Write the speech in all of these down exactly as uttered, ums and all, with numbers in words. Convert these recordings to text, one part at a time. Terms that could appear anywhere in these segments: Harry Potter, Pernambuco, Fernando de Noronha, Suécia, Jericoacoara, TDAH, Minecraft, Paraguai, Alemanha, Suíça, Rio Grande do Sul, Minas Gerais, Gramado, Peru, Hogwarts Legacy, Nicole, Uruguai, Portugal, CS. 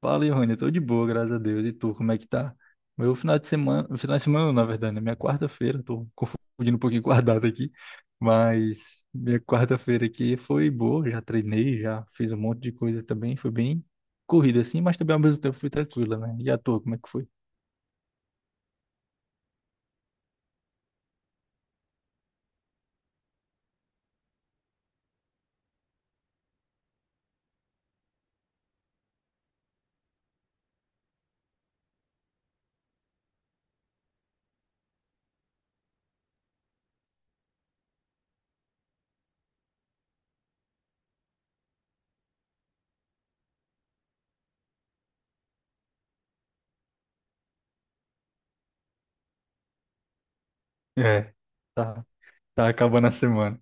Fala, Rony, eu tô de boa, graças a Deus. E tu, como é que tá? Meu final de semana, final de semana, não, na verdade, né? Minha quarta-feira, tô confundindo um pouquinho com a data aqui, mas minha quarta-feira aqui foi boa, já treinei, já fiz um monte de coisa também, foi bem corrida assim, mas também ao mesmo tempo foi tranquila, né? E a tua, como é que foi? É, tá, tá acabando a semana.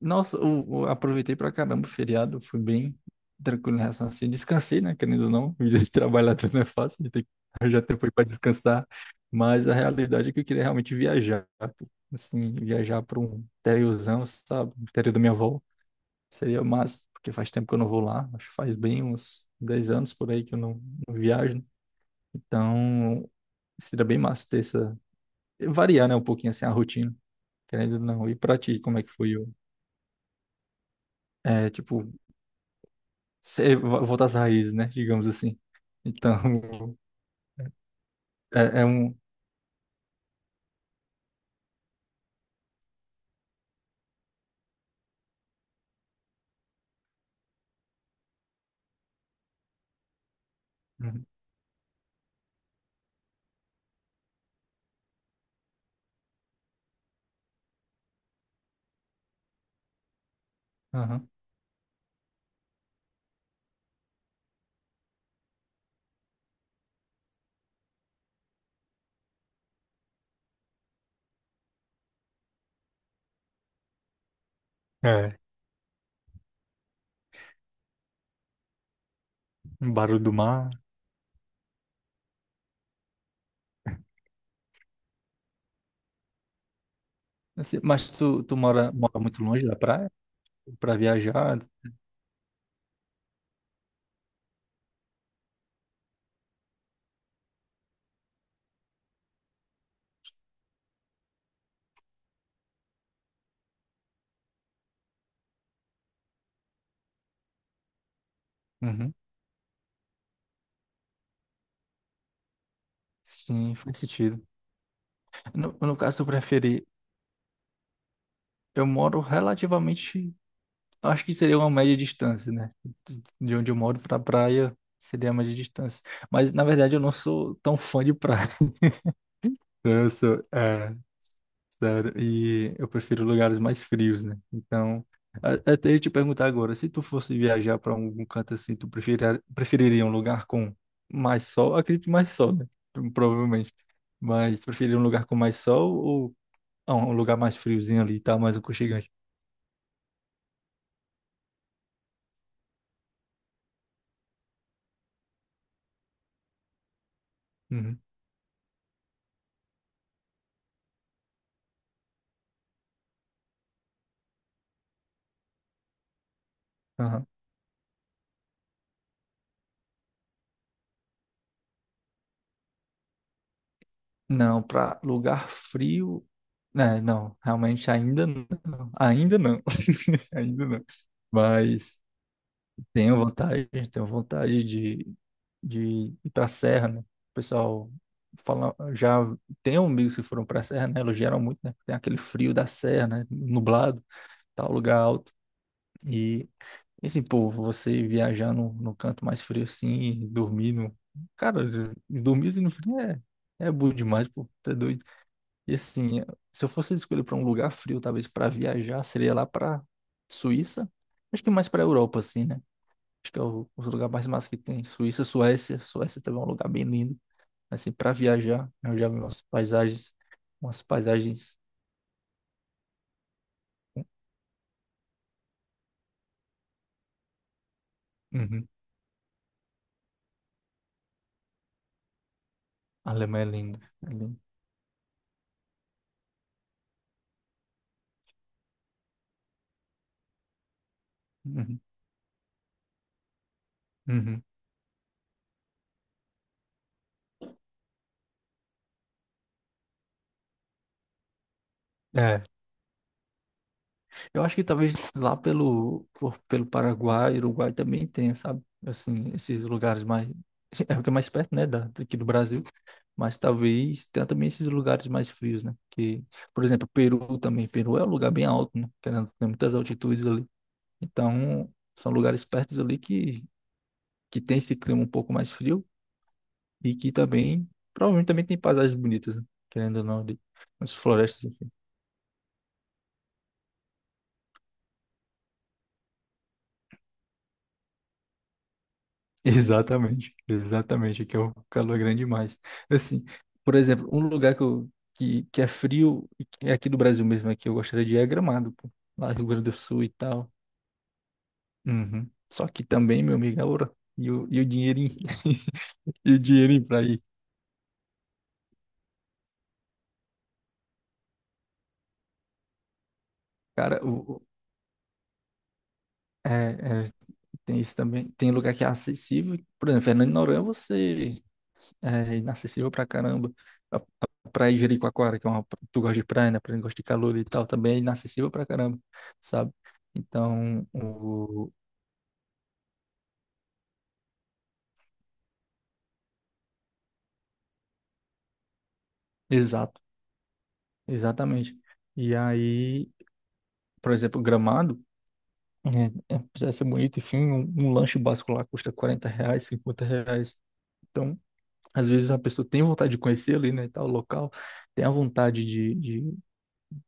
Nossa, o, o- aproveitei pra caramba o feriado, fui bem tranquilo em relação a assim. Descansei, né? Querendo ou não, vida de trabalhador não é fácil, já tem que arranjar tempo para descansar. Mas a realidade é que eu queria realmente viajar, pô. Assim, viajar para um interiorzão, sabe? O interior da minha avó. Seria massa, porque faz tempo que eu não vou lá, acho que faz bem uns dez anos por aí que eu não, não viajo. Então, seria bem massa ter essa. Variar, né, um pouquinho assim a rotina, querendo ou não. E pra ti, como é que foi o. É, tipo, se- voltar às raízes, né? Digamos assim. Então, é, é um. Uhum. Aham. É. Um barulho do mar. Assim, mas tu, tu mora, mora muito longe da praia para viajar? Uhum. Sim, faz sentido. No, no caso, tu prefere. Eu moro relativamente. Acho que seria uma média distância, né? De onde eu moro para praia seria a média distância. Mas, na verdade, eu não sou tão fã de praia. Eu sou. é Sério, e eu prefiro lugares mais frios, né? Então, a- até eu te perguntar agora, se tu fosse viajar para algum canto assim, tu preferir, preferiria um lugar com mais sol? Acredito que mais sol, né? Provavelmente. Mas tu preferiria um lugar com mais sol ou ah, um lugar mais friozinho ali, tá? Mais aconchegante. Uhum. Aham. Não, para lugar frio, né? Não, realmente ainda não. Ainda não. Ainda não. Mas tenho vontade, tenho vontade de de ir para a serra, né? O pessoal fala, já tem amigos que foram para a serra, né? Elogiaram muito, né? Tem aquele frio da serra, né? Nublado, tal lugar alto. E assim, pô, você viajar no, no canto mais frio assim, dormir no... Cara, dormir assim no frio é, é bom demais, pô, tá doido. E assim, se eu fosse escolher para um lugar frio, talvez para viajar, seria lá para Suíça. Acho que mais para Europa, assim, né? Acho que é o, o lugar mais massa que tem. Suíça, Suécia. Suécia também é um lugar bem lindo assim, para viajar, né, eu já vi umas paisagens, umas paisagens. Uhum. A Alemanha é linda, é linda. Uhum. Uhum. É, eu acho que talvez lá pelo, por- pelo Paraguai, Uruguai também tenha, sabe? Assim, esses lugares mais. É porque é mais perto, né, da, daqui do Brasil. Mas talvez tenha também esses lugares mais frios, né? Que, por exemplo, Peru também. Peru é um lugar bem alto, né? Querendo, tem muitas altitudes ali. Então, são lugares perto ali que, que tem esse clima um pouco mais frio. E que também, provavelmente também tem paisagens bonitas, né? Querendo ou não, de, as florestas, enfim. Exatamente, exatamente, que é o calor é grande demais. Assim, por exemplo, um lugar que, eu, que, que é frio, e que é aqui do Brasil mesmo, é que eu gostaria de ir é Gramado, pô. Lá Rio Grande do Sul e tal. Uhum. Só que também, meu amigo, é ouro. E o, e o dinheirinho, e o dinheirinho pra ir. Cara, o, o- é, é, tem isso também. Tem lugar que é acessível. Por exemplo, Fernando de Noronha, você é inacessível pra caramba. A a praia de Jericoacoara, que é uma. Tu gosta de praia, né? Pra quem gosta de calor e tal, também é inacessível pra caramba, sabe? Então, o. Exato, exatamente. E aí, por exemplo, Gramado, é, é, precisa ser bonito, enfim, um, um lanche básico lá custa quarenta reais, cinquenta reais. Então, às vezes a pessoa tem vontade de conhecer ali, né, tal local, tem a vontade de, de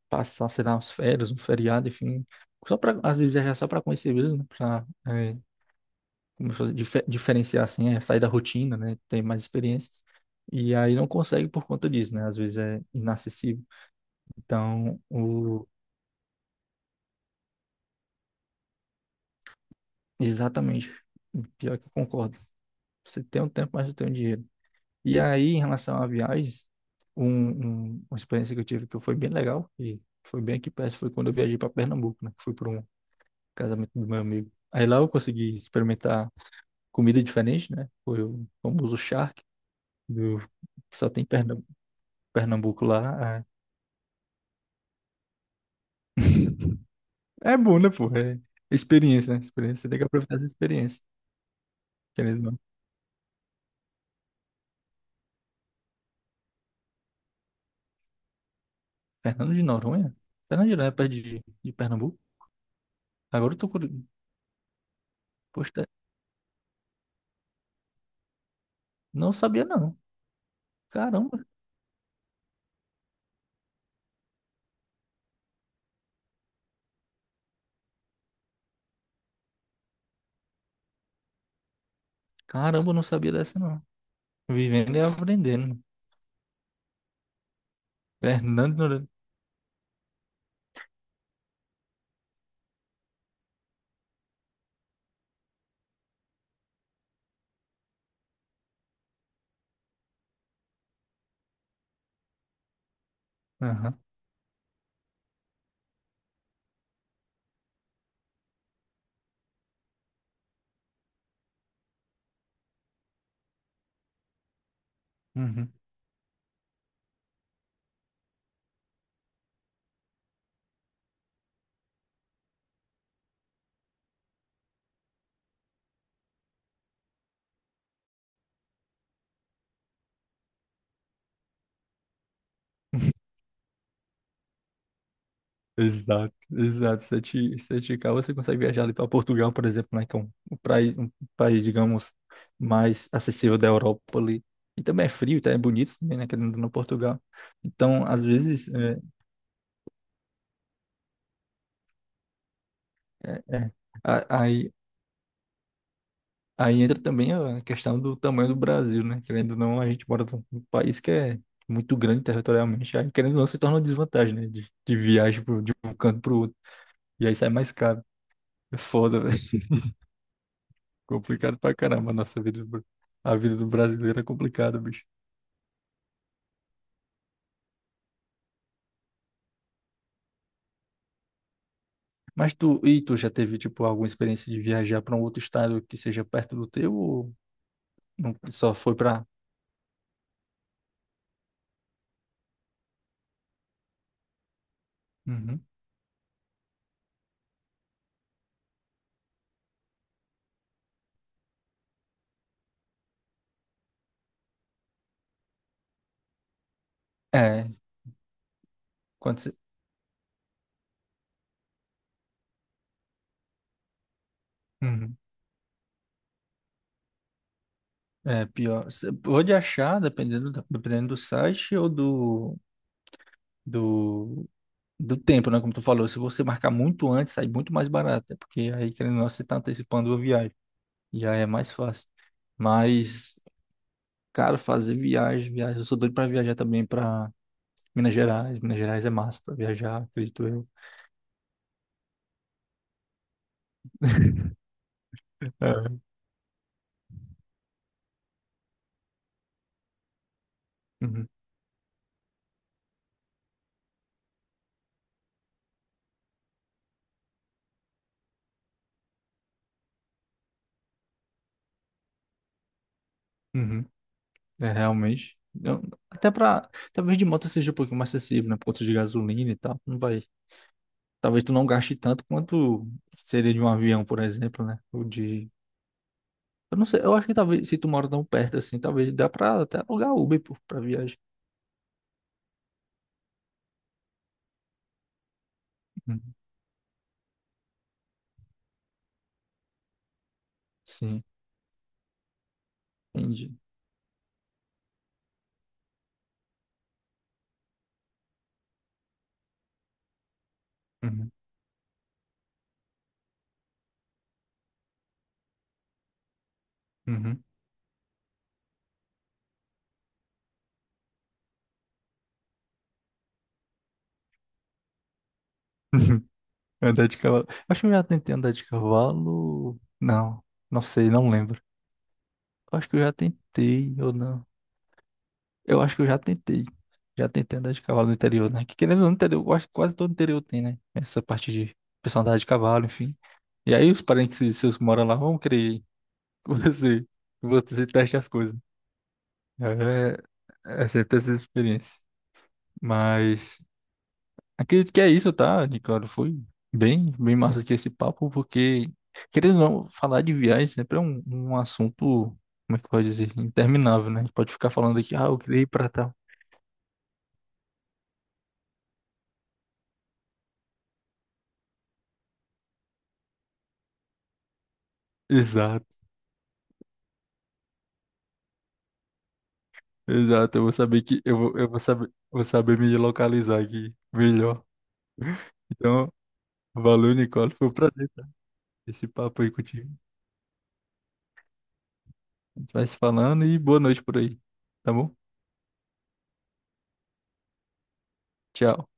passar, sei lá, umas férias, um feriado, enfim, só para às vezes é só para conhecer mesmo, para como se dife- diferenciar assim, é sair da rotina, né? Ter mais experiência. E aí não consegue por conta disso, né? Às vezes é inacessível. Então, o... Exatamente. Pior que eu concordo. Você tem um tempo, mas não tem um dinheiro. E aí, em relação a viagens, um, um- uma experiência que eu tive que foi bem legal, e foi bem aqui perto, foi quando eu viajei para Pernambuco, né? Que fui para um casamento do meu amigo. Aí lá eu consegui experimentar comida diferente, né? Foi o famoso charque, do... Só tem Pernam- Pernambuco lá. É bom, né, pô? É experiência, né? Experiência. Você tem que aproveitar essa experiência. Querendo, ou não. Fernando de Noronha? Fernando de Noronha é perto de, de Pernambuco? Agora eu tô curioso. Poxa, não sabia, não. Caramba. Caramba, eu não sabia dessa, não. Vivendo e aprendendo. Fernando de Noronha. Aham. Uhum. Exato, exato. sete sete ka você consegue viajar ali para Portugal, por exemplo, né, que é um, um, país, um país, digamos, mais acessível da Europa ali. E também é frio, tá? É bonito também, né, querendo ou não, Portugal. Então, às vezes, é, é, é. A- Aí, aí entra também a questão do tamanho do Brasil, né? Querendo ou não, a gente mora num num país que é muito grande territorialmente. Aí, querendo ou não, se torna uma desvantagem, né, de, de viagem pro, de um canto para o outro. E aí sai mais caro. É foda, complicado pra caramba a nossa vida. do Bra- A vida do brasileiro é complicada, bicho. Mas tu, e tu já teve, tipo, alguma experiência de viajar para um outro estado que seja perto do teu ou não, só foi pra. Uhum. É, quando você. Uhum. É, pior. Você pode achar, dependendo, da- dependendo do site ou do, do, do tempo, né? Como tu falou, se você marcar muito antes, sai muito mais barato, né? Porque aí, querendo ou não, você tá antecipando a viagem. E aí é mais fácil. Mas cara, fazer viagem, viagem. Eu sou doido pra viajar também pra Minas Gerais. Minas Gerais é massa pra viajar, acredito eu. É. Uhum, uhum. É, realmente. Eu- até pra. Talvez de moto seja um pouquinho mais acessível, né? Por conta de gasolina e tal. Não vai. Talvez tu não gaste tanto quanto seria de um avião, por exemplo, né? Ou de. Eu não sei. Eu acho que talvez se tu mora tão perto assim, talvez dá pra até alugar Uber, pô, pra viagem. Uhum. Sim, entendi. Uhum, uhum. Andar de cavalo. Acho que eu já tentei andar de cavalo. Não, não sei, não lembro. Acho que eu já tentei ou não. Eu acho que eu já tentei. Já tentei andar de cavalo no interior, né? Que querendo ou não, interior, eu acho que quase todo interior tem, né? Essa parte de pessoal andar de cavalo, enfim. E aí os parentes seus que moram lá vão querer que você, que você teste as coisas. É, é sempre essa experiência. Mas. Acredito que é isso, tá, Nicole? Foi bem, bem massa aqui esse papo, porque, querendo ou não, falar de viagem sempre é um, um assunto, como é que pode dizer, interminável, né? A gente pode ficar falando aqui, ah, eu queria ir pra tal. Exato, exato. Eu vou saber que, eu vou, eu vou saber, vou saber me localizar aqui melhor. Então, valeu, Nicole. Foi um prazer tá? Esse papo aí contigo. A gente vai se falando e boa noite por aí, tá bom? Tchau.